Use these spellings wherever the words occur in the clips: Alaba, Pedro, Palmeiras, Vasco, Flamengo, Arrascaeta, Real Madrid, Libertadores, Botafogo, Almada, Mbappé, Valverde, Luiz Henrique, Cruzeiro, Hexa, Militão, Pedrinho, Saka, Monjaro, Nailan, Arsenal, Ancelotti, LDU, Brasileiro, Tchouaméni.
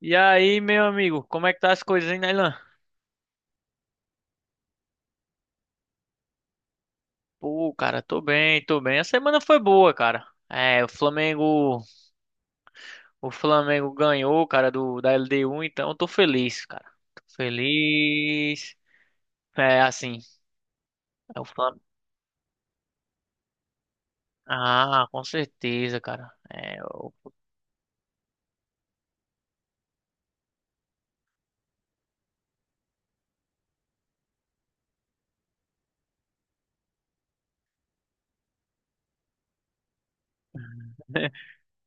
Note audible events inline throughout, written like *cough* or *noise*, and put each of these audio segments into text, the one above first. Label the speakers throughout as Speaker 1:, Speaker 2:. Speaker 1: E aí, meu amigo, como é que tá as coisas, hein, Nailan? Pô, cara, tô bem, tô bem. A semana foi boa, cara. É, o Flamengo ganhou, cara, do da LDU, então eu tô feliz, cara. Tô feliz. É, assim, é o Flamengo. Ah, com certeza, cara.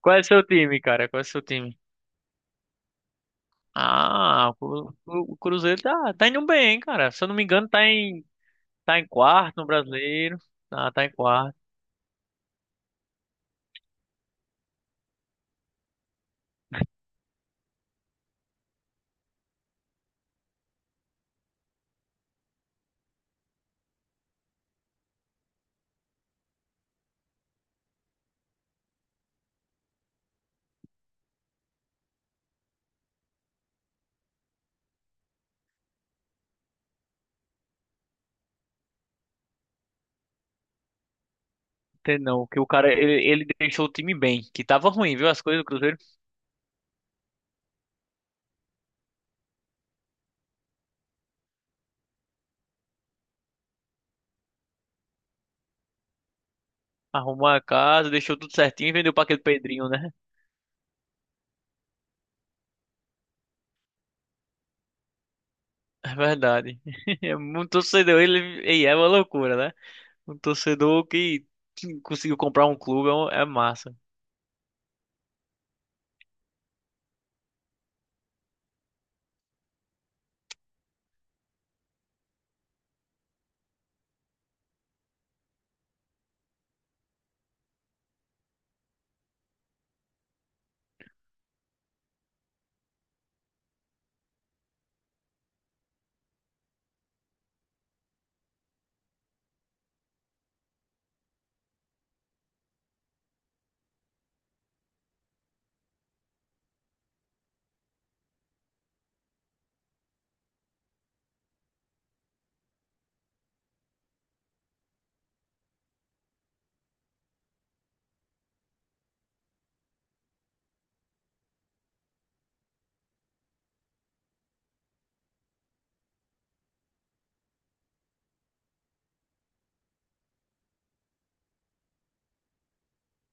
Speaker 1: Qual é o seu time, cara? Qual é o seu time? O Cruzeiro tá indo bem, hein, cara. Se eu não me engano, tá em quarto no Brasileiro. Ah, tá em quarto. Tem não, que o cara, ele deixou o time bem, que tava ruim, viu? As coisas do Cruzeiro. Arrumou a casa, deixou tudo certinho e vendeu pra aquele Pedrinho, né? É verdade. *laughs* É um torcedor, ele, e é uma loucura, né? Um torcedor que conseguiu comprar um clube, é massa.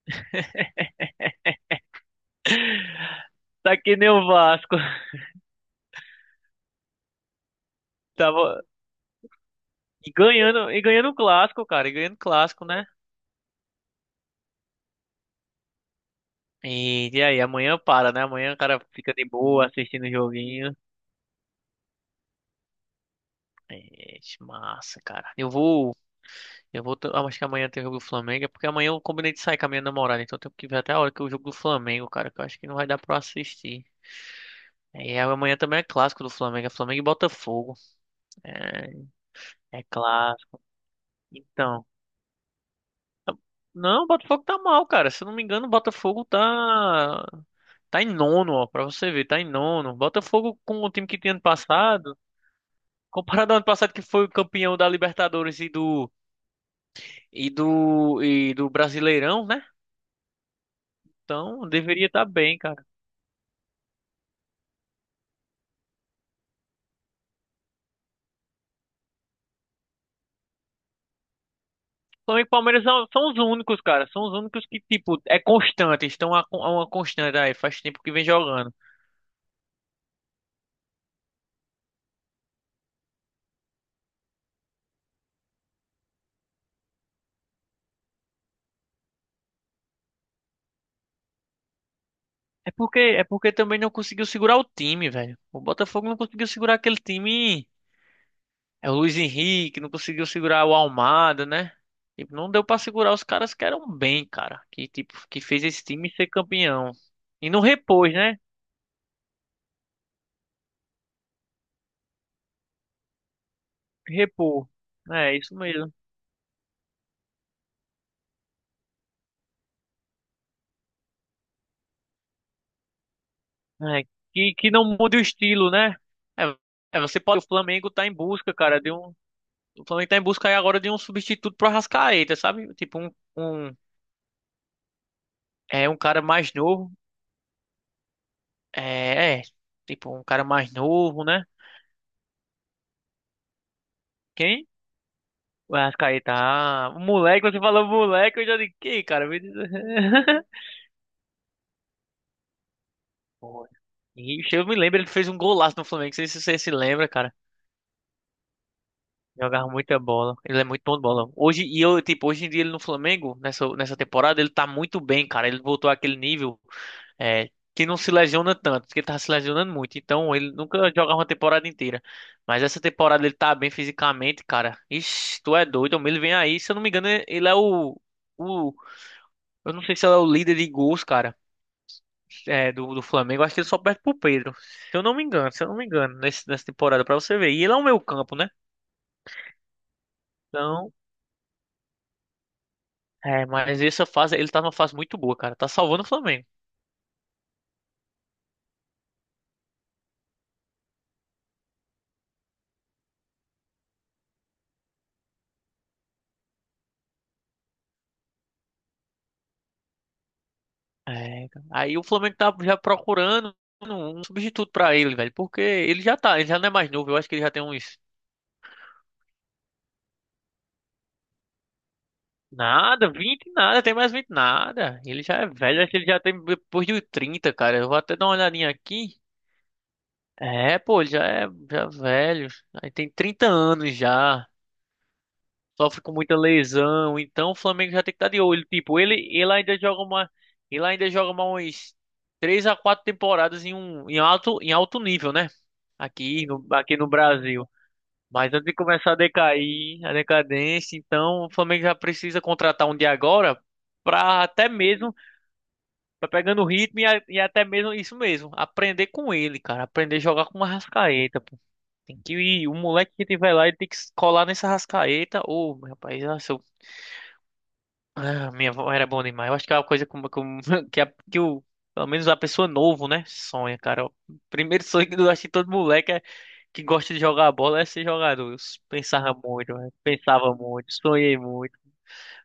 Speaker 1: *laughs* Tá que nem o Vasco. *laughs* Tava ganhando o clássico, cara, e ganhando o clássico, né? E aí, amanhã para, né? Amanhã o cara fica de boa assistindo o joguinho. Ixi, massa, cara. Eu vou, t- ah, acho que amanhã tem o jogo do Flamengo, é porque amanhã eu combinei de sair com a minha namorada, então eu tenho que ver até a hora que é o jogo do Flamengo, cara, que eu acho que não vai dar pra eu assistir. É, e amanhã também é clássico do Flamengo, é Flamengo e Botafogo. É, é clássico. Então, tá, não, o Botafogo tá mal, cara. Se eu não me engano, o Botafogo tá em nono, ó, pra você ver, tá em nono. Botafogo com o time que tinha ano passado, comparado ao ano passado que foi o campeão da Libertadores e do Brasileirão, né? Então, deveria estar bem, cara. Flamengo e Palmeiras são os únicos, cara. São os únicos que, tipo, é constante. Estão a uma constante aí. Faz tempo que vem jogando. É porque também não conseguiu segurar o time, velho. O Botafogo não conseguiu segurar aquele time. É o Luiz Henrique, não conseguiu segurar o Almada, né? Tipo, não deu pra segurar os caras que eram bem, cara. Que, tipo, que fez esse time ser campeão. E não repôs, né? Repor. É, isso mesmo. É, que não mude o estilo, né? É, você pode. O Flamengo tá em busca, cara, de um. O Flamengo tá em busca aí agora de um substituto pro Arrascaeta, sabe? Tipo, um, um cara mais novo. É, é, tipo, um cara mais novo, né? Quem? O Arrascaeta. Ah, o moleque, você falou moleque, eu já digo, quem, cara? *laughs* Foi. Ixi, eu me lembro, ele fez um golaço no Flamengo, não sei se você se lembra. Jogava muita bola. Ele é muito bom de bola. Hoje, e eu, tipo, hoje em dia ele no Flamengo, nessa temporada, ele tá muito bem, cara. Ele voltou àquele nível é, que não se lesiona tanto, porque ele tava se lesionando muito. Então, ele nunca jogava uma temporada inteira. Mas essa temporada ele tá bem fisicamente, cara. Ixi, tu é doido. Homem, ele vem aí, se eu não me engano, ele é o. Eu não sei se ele é o líder de gols, cara, do Flamengo. Acho que ele só perde pro Pedro. Se eu não me engano, se eu não me engano, nessa temporada, pra você ver. E ele é o meio campo, né? Então. É, mas essa fase, ele tá numa fase muito boa, cara. Tá salvando o Flamengo. É, cara, aí o Flamengo tá já procurando um substituto pra ele, velho. Porque ele já não é mais novo. Eu acho que ele já tem uns. Nada, 20 nada, tem mais 20 nada. Ele já é velho, acho que ele já tem depois de 30, cara. Eu vou até dar uma olhadinha aqui. É, pô, ele já é velho. Aí tem 30 anos já. Sofre com muita lesão, então o Flamengo já tem que estar de olho. Tipo, ele ainda joga mais umas 3 a 4 temporadas em alto nível, né? Aqui no Brasil. Mas antes de começar a decair, a decadência, então o Flamengo já precisa contratar um de agora para até mesmo pra pegando o ritmo e até mesmo isso mesmo, aprender com ele, cara, aprender a jogar com uma Arrascaeta, pô. Tem que ir, o moleque que tiver lá, ele tem que colar nessa Arrascaeta, ô, meu rapaz. Ah, minha avó era bom demais. Eu acho que é uma coisa *laughs* que, a, que o, pelo menos a pessoa novo, né? Sonha, cara. O primeiro sonho que eu acho que todo moleque que gosta de jogar bola é ser jogador. Eu s- pensava muito, né? Pensava muito, sonhei muito.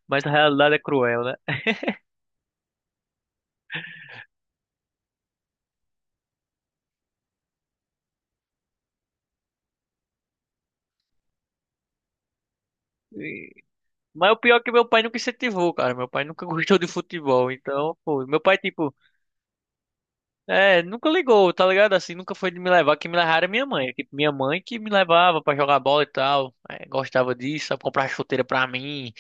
Speaker 1: Mas a realidade é cruel, né? E- mas o pior é que meu pai nunca incentivou, cara. Meu pai nunca *laughs* gostou de futebol. Então, pô, meu pai, tipo. É, nunca ligou, tá ligado? Assim, nunca foi de me levar. Quem me levava era minha mãe. Tipo, minha mãe que me levava pra jogar bola e tal. É, gostava disso, sabe? Comprar chuteira pra mim,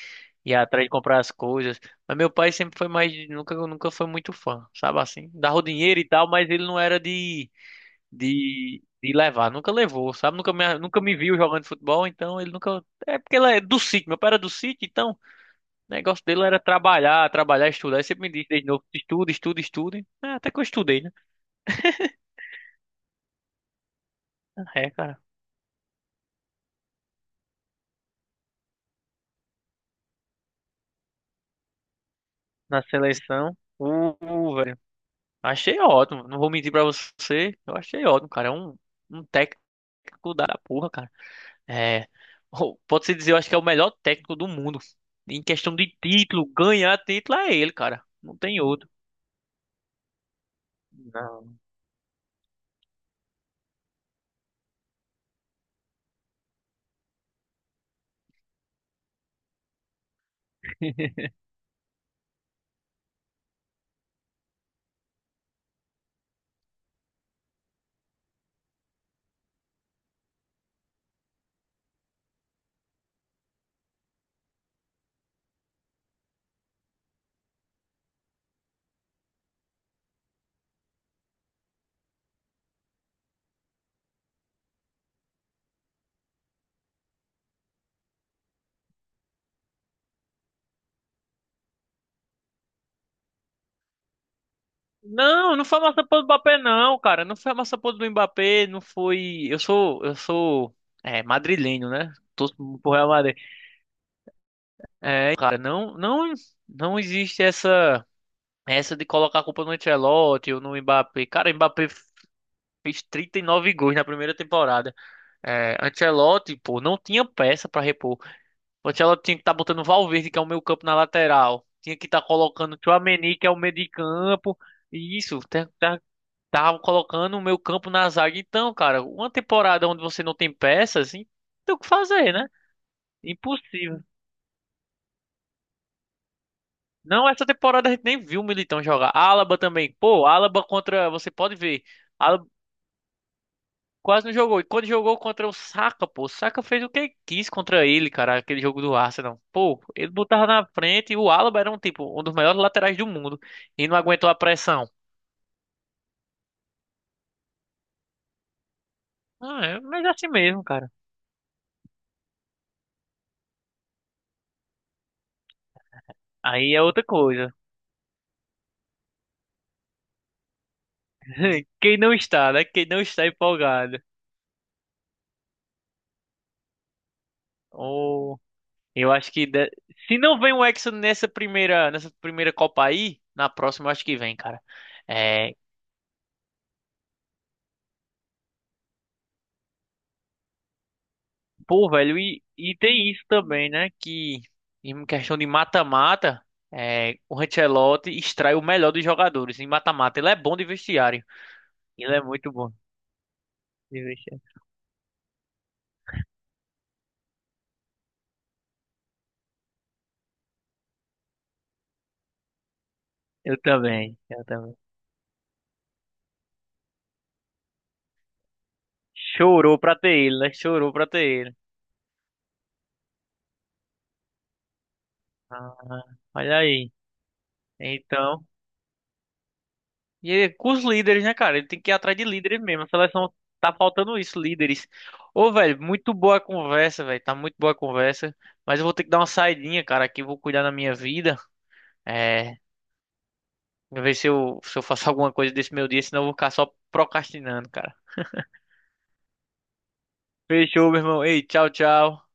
Speaker 1: ia atrás de comprar as coisas. Mas meu pai sempre foi mais. Nunca foi muito fã, sabe assim? Dava o dinheiro e tal, mas ele não era de levar. Nunca levou, sabe? Nunca me viu jogando futebol, então ele nunca. É porque ele é do sítio, meu pai era do sítio, então o negócio dele era trabalhar, trabalhar, estudar. Ele sempre me disse desde novo: estuda, estuda, estuda. É, até que eu estudei, né? Ah, é, cara. Na seleção. Velho. Achei ótimo. Não vou mentir pra você. Eu achei ótimo, cara. É um técnico da porra, cara. É. *laughs* Pode-se dizer, eu acho que é o melhor técnico do mundo. Em questão de título, ganhar título é ele, cara. Não tem outro. Não. Não, não foi a massa podre do Mbappé, não, cara. Não foi a massa podre do Mbappé, não foi. Eu sou madrileno, né? Tô pro Real Madrid. É, cara, não, não, não existe essa. Essa de colocar a culpa no Ancelotti ou no Mbappé. Cara, o Mbappé fez 39 gols na primeira temporada. É, Ancelotti, pô, não tinha peça pra repor. O Ancelotti tinha que estar botando Valverde, que é o meio campo na lateral. Tinha que estar colocando Tchouaméni, que é o meio de campo. E isso, tá, tá- Tava colocando o meio campo na zaga. Então, cara, uma temporada onde você não tem peças, assim, tem o que fazer, né? Impossível. Não, essa temporada a gente nem viu o Militão jogar. Alaba também. Pô, Alaba contra, você pode ver. Quase não jogou. E quando jogou contra o Saka, pô, o Saka fez o que quis contra ele, cara, aquele jogo do Arsenal. Pô, ele botava na frente e o Alaba era um tipo, um dos melhores laterais do mundo e não aguentou a pressão. Ah, é, mas é assim mesmo, cara. Aí é outra coisa. *laughs* Quem não está, né? Quem não está empolgado. Ou eu acho que se não vem o Hexa nessa primeira Copa aí, na próxima eu acho que vem, cara. É, pô, velho, e tem isso também, né? Que em questão de mata-mata, o Ancelotti extrai o melhor dos jogadores. Em mata-mata, ele é bom de vestiário. Ele é muito bom de vestiário. Eu também, eu também. Chorou pra ter ele, né? Chorou pra ter ele. Ah, olha aí. Então, e é com os líderes, né, cara? Ele tem que ir atrás de líderes mesmo. A seleção tá faltando isso, líderes. Ô, velho, muito boa a conversa, velho. Tá muito boa a conversa. Mas eu vou ter que dar uma saidinha, cara, aqui. Vou cuidar da minha vida. É, ver se eu faço *laughs* alguma coisa desse meu dia, senão eu vou ficar só procrastinando, cara. Fechou, meu irmão. Ei, tchau, tchau.